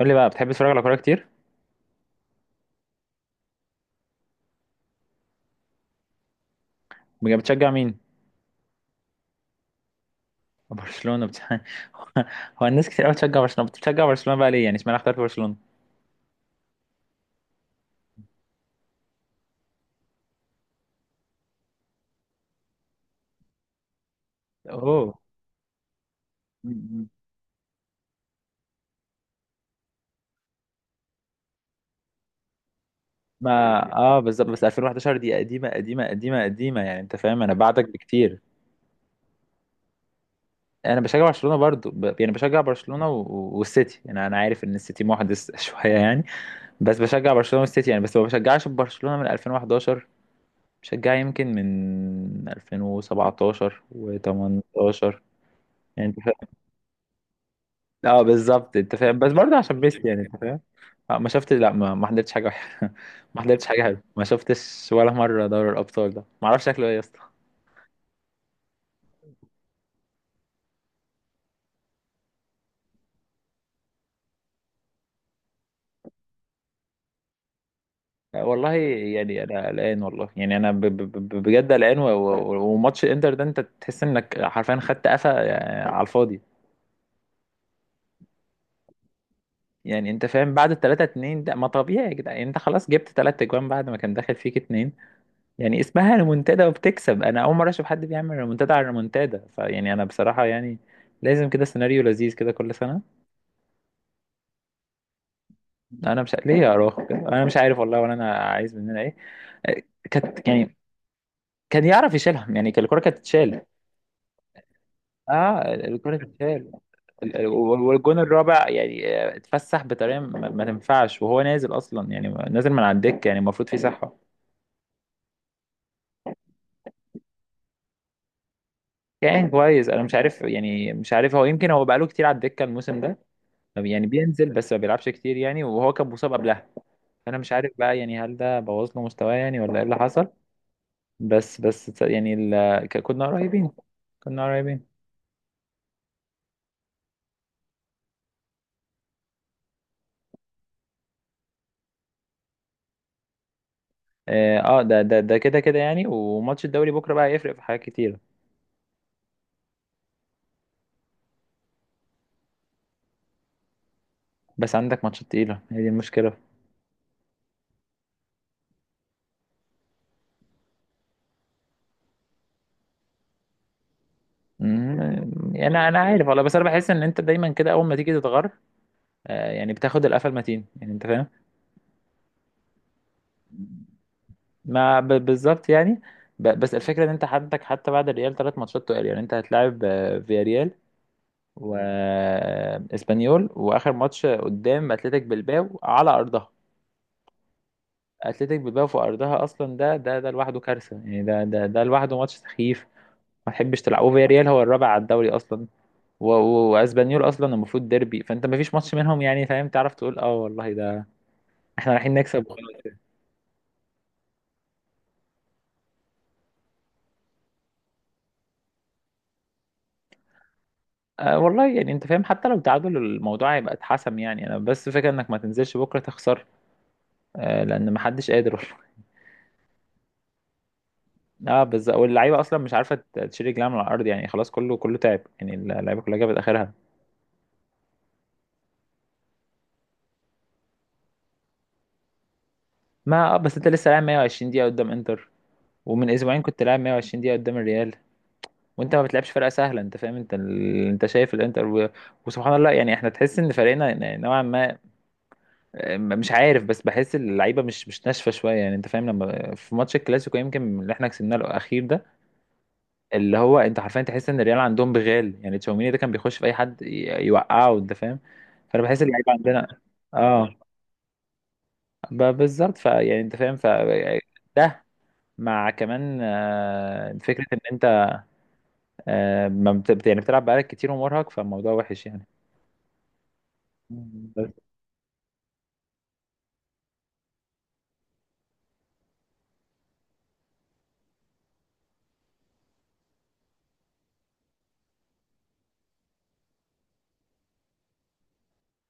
قول لي بقى، بتحب تتفرج على كوره كتير؟ بجد بتشجع مين؟ برشلونه بت... هو الناس كتير قوي بتشجع برشلونه، بتشجع برشلونه بقى ليه؟ يعني اشمعنى اخترت برشلونه؟ اوه م- م. ما اه بالظبط، بس 2011 دي قديمه يعني، انت فاهم، انا بعدك بكتير. انا بشجع برشلونه برضو يعني بشجع برشلونه و والسيتي، يعني انا عارف ان السيتي محدث شويه يعني. بس بشجع برشلونه والسيتي، يعني بس ما بشجعش برشلونه من 2011، بشجعها يمكن من 2017 و18. يعني انت اه بالظبط، انت فاهم؟ بس برضه عشان ميسي، يعني انت فاهم. ما شفتش، لا، ما حضرتش حاجه وحشة. ما حضرتش حاجه حلوه، ما شفتش ولا مره دوري الابطال ده، ما اعرفش شكله ايه يا اسطى. والله يعني انا قلقان، والله يعني انا بجد قلقان، و وماتش الانتر ده انت تحس انك حرفيا خدت قفا على الفاضي. يعني انت فاهم، بعد ال 3 2 ده ما طبيعي يا جدعان. يعني انت خلاص جبت 3 اجوان بعد ما كان داخل فيك اتنين، يعني اسمها ريمونتادا وبتكسب، انا اول مره اشوف حد بيعمل ريمونتادا على ريمونتادا. فيعني انا بصراحه يعني لازم كده سيناريو لذيذ كده كل سنه. انا مش ليه يا اراخو كده، انا مش عارف والله، ولا انا عايز مننا ايه. آه، كانت يعني كان يعرف يشيلهم، يعني كان الكره كانت تتشال. اه، الكره تتشال. والجون الرابع يعني اتفسح بطريقه ما تنفعش، وهو نازل اصلا يعني، نازل من على الدكه، يعني المفروض في صحه. كان كويس، انا مش عارف يعني، مش عارف هو، يمكن هو بقاله كتير على الدكه الموسم ده، يعني بينزل بس ما بيلعبش كتير يعني، وهو كان مصاب قبلها. انا مش عارف بقى يعني، هل ده بوظ له مستواه يعني، ولا ايه اللي حصل. بس بس تص- يعني ال... ك- كنا قريبين، كنا قريبين. اه، ده كده كده يعني، وماتش الدوري بكره بقى هيفرق في حاجات كتيره. بس عندك ماتشات تقيله، هي دي المشكله. مم، يعني أنا عارف والله، بس انا بحس ان انت دايما كده اول ما تيجي تتغر، يعني بتاخد القفا المتين، يعني انت فاهم. ما ب- بالظبط يعني. بس الفكره ان انت عندك حتى بعد الريال ثلاث ماتشات تقال، يعني انت هتلاعب فياريال واسبانيول، واخر ماتش قدام اتلتيك بلباو على ارضها. اتلتيك بلباو في ارضها اصلا، ده لوحده كارثه، يعني ده لوحده ماتش سخيف، ما تحبش تلعبه، في ريال هو الرابع على الدوري اصلا، و واسبانيول اصلا المفروض ديربي، فانت ما فيش ماتش منهم يعني، فاهم؟ تعرف تقول اه والله ده احنا رايحين نكسب وخلاص. آه والله، يعني انت فاهم، حتى لو تعادل الموضوع هيبقى اتحسم، يعني انا بس فكره انك ما تنزلش بكره تخسر، آه، لان ما حدش قادر. اه بالظبط، واللعيبه اصلا مش عارفه تشيل رجلها من الارض يعني، خلاص كله تعب، يعني اللعيبه كلها جابت اخرها. ما اه بس انت لسه لاعب 120 دقيقه قدام انتر، ومن اسبوعين كنت لاعب 120 دقيقه قدام الريال، وانت ما بتلعبش فرقه سهله، انت فاهم، انت انت شايف الانتر وسبحان الله. يعني احنا تحس ان فريقنا نوعا ما مش عارف، بس بحس اللعيبه مش ناشفه شويه، يعني انت فاهم، لما في ماتش الكلاسيكو يمكن اللي احنا كسبناه الاخير ده، اللي هو انت حرفيا تحس ان الريال عندهم بغال، يعني تشاوميني ده كان بيخش في اي حد يوقعه، انت فاهم. فانا بحس اللعيبه عندنا، اه، بالظبط. فيعني انت فاهم ف ده، مع كمان فكره ان انت، آه، ما بت... بت- يعني بتلعب بقالك كتير ومرهق، فالموضوع وحش يعني. بس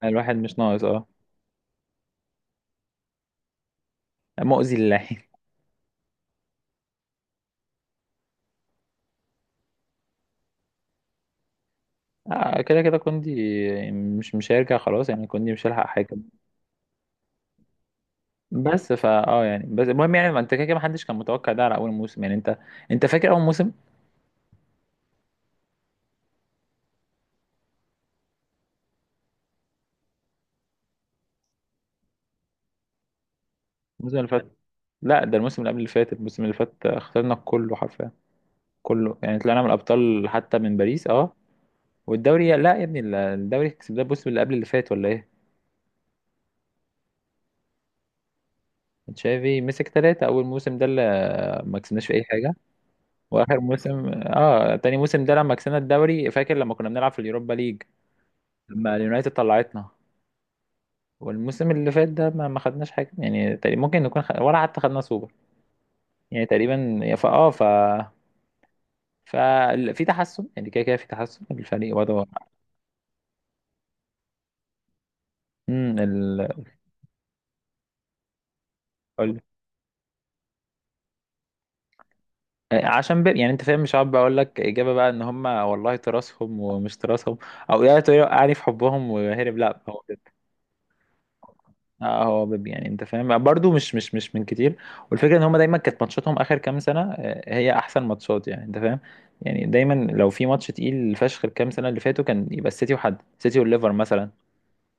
الواحد مش ناقص اه. مؤذي للعين. كده كده، كوندي مش هيرجع خلاص يعني، كوندي مش هيلحق حاجه. بس فا اه يعني بس المهم يعني، ما انت كده كده ما حدش كان متوقع ده على اول موسم، يعني انت، انت فاكر اول موسم؟ الموسم اللي فات؟ لا، ده الموسم اللي قبل اللي فات. الموسم اللي فات خسرنا كله حرفيا، كله يعني، طلعنا من الابطال حتى من باريس، اه، والدوري لا يا ابني. الدوري كسبناه الموسم اللي قبل اللي فات، ولا ايه؟ تشافي مسك ثلاثة، أول موسم ده اللي ما كسبناش في أي حاجة. وآخر موسم، اه، تاني موسم ده لما كسبنا الدوري، فاكر لما كنا بنلعب في اليوروبا ليج، لما اليونايتد طلعتنا. والموسم اللي فات ده ما خدناش حاجة، يعني تقريبا ممكن نكون ولا حتى خدنا سوبر، يعني تقريبا، فا اه ف ففي تحسن يعني، كده كده في تحسن الفريق وضعه. امم ال... قول- عشان يعني انت فاهم، مش عارف بقول لك اجابه بقى، ان هم والله تراثهم ومش تراثهم، او يعني في حبهم وهرب، لا، هو بيب. اه، هو بيب، يعني انت فاهم برضو، مش من كتير. والفكره ان هم دايما كانت ماتشاتهم اخر كام سنه هي احسن ماتشات، يعني انت فاهم. يعني دايما لو في ماتش تقيل فشخ الكام سنه اللي فاتوا، كان يبقى السيتي، وحد السيتي والليفر مثلا،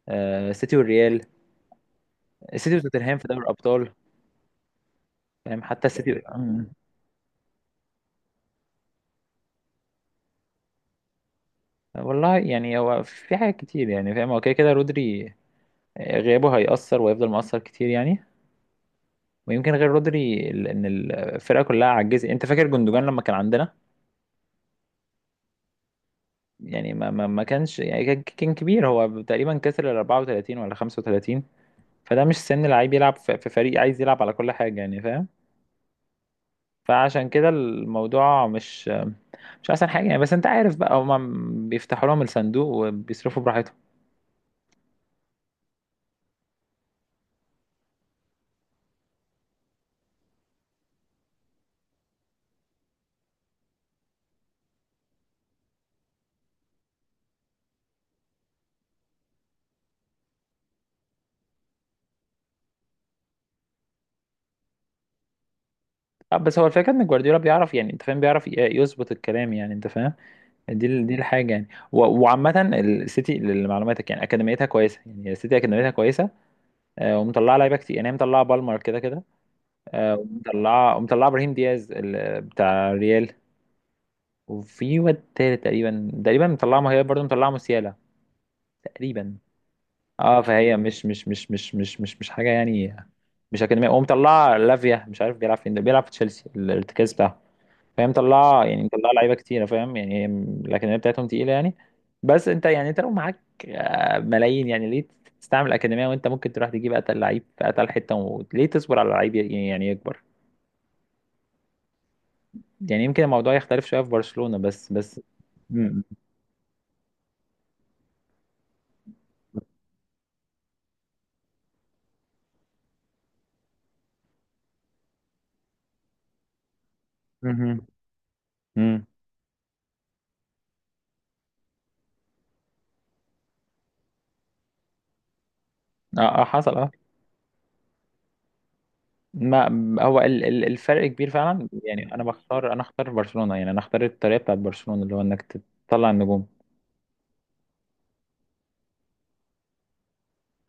السيتي والريال، السيتي وتوتنهام في دوري الابطال، فاهم؟ حتى السيتي. مم. والله يعني هو في حاجات كتير، يعني فاهم، هو كده كده رودري غيابه هيأثر ويفضل مؤثر كتير يعني. ويمكن غير رودري ان الفرقة كلها عجزت، انت فاكر جندوجان لما كان عندنا؟ يعني ما كانش يعني، كان كبير، هو تقريبا كسر ال 34 ولا 35، فده مش سن لعيب يلعب في في فريق عايز يلعب على كل حاجة، يعني فاهم. فعشان كده الموضوع مش احسن حاجة يعني، بس انت عارف بقى هما بيفتحوا لهم الصندوق وبيصرفوا براحتهم. بس هو الفكره ان جوارديولا بيعرف، يعني انت فاهم، بيعرف يظبط الكلام، يعني انت فاهم، دي الحاجه يعني. و وعامه السيتي لمعلوماتك يعني اكاديميتها كويسه، يعني السيتي اكاديميتها كويسه، ومطلعه لعيبه كتير، يعني هي مطلعه بالمر كده كده، ومطلعه ابراهيم دياز بتاع ريال، وفي واد تالت تقريبا، تقريبا مطلعه، ما هي برضه مطلعه موسيالا تقريبا. اه، فهي مش حاجه يعني، مش اكاديميه، ومطلعه لافيا، مش عارف بيلعب فين، ده بيلعب في تشيلسي الارتكاز بتاعه. فهي مطلعه، يعني مطلعه لعيبه كتيره، فاهم يعني، هي الاكاديميه بتاعتهم تقيله يعني. بس انت يعني انت لو معاك ملايين، يعني ليه تستعمل الاكاديميه وانت ممكن تروح تجيب اتقل لعيب في اتقل حته؟ وليه تصبر على لعيب يعني يكبر؟ يعني يمكن الموضوع يختلف شويه في برشلونه، بس مم. مم. مم. اه، حصل، اه. ما هو الفرق كبير فعلا، يعني انا بختار، انا اختار برشلونه، يعني انا اختار الطريقه بتاعت برشلونه، اللي هو انك تطلع النجوم.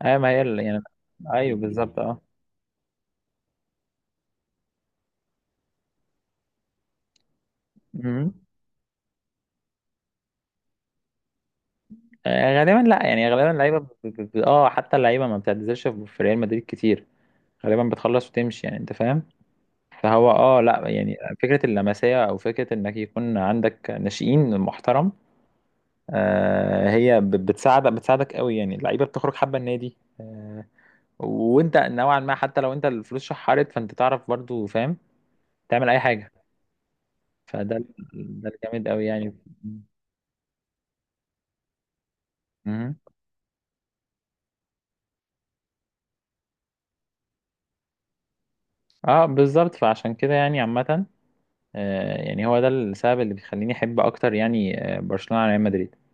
ايوه، ما هي يعني، ايوه بالظبط اه. مم. غالبا لا يعني، غالبا اللعيبه ب... ب... ب... اه حتى اللعيبه ما بتعتزلش في في ريال مدريد كتير، غالبا بتخلص وتمشي، يعني انت فاهم. فهو اه لا يعني، فكره اللمسيه او فكره انك يكون عندك ناشئين محترم، آه، هي بتساعد، بتساعدك قوي، يعني اللعيبه بتخرج حابه النادي، آه، وانت نوعا ما حتى لو انت الفلوس شحرت، فانت تعرف برضو، فاهم، تعمل اي حاجه. ده الجامد قوي يعني. مهم. اه بالظبط، فعشان كده يعني عامه، يعني هو ده السبب اللي بيخليني احب اكتر، يعني برشلونة على ريال مدريد.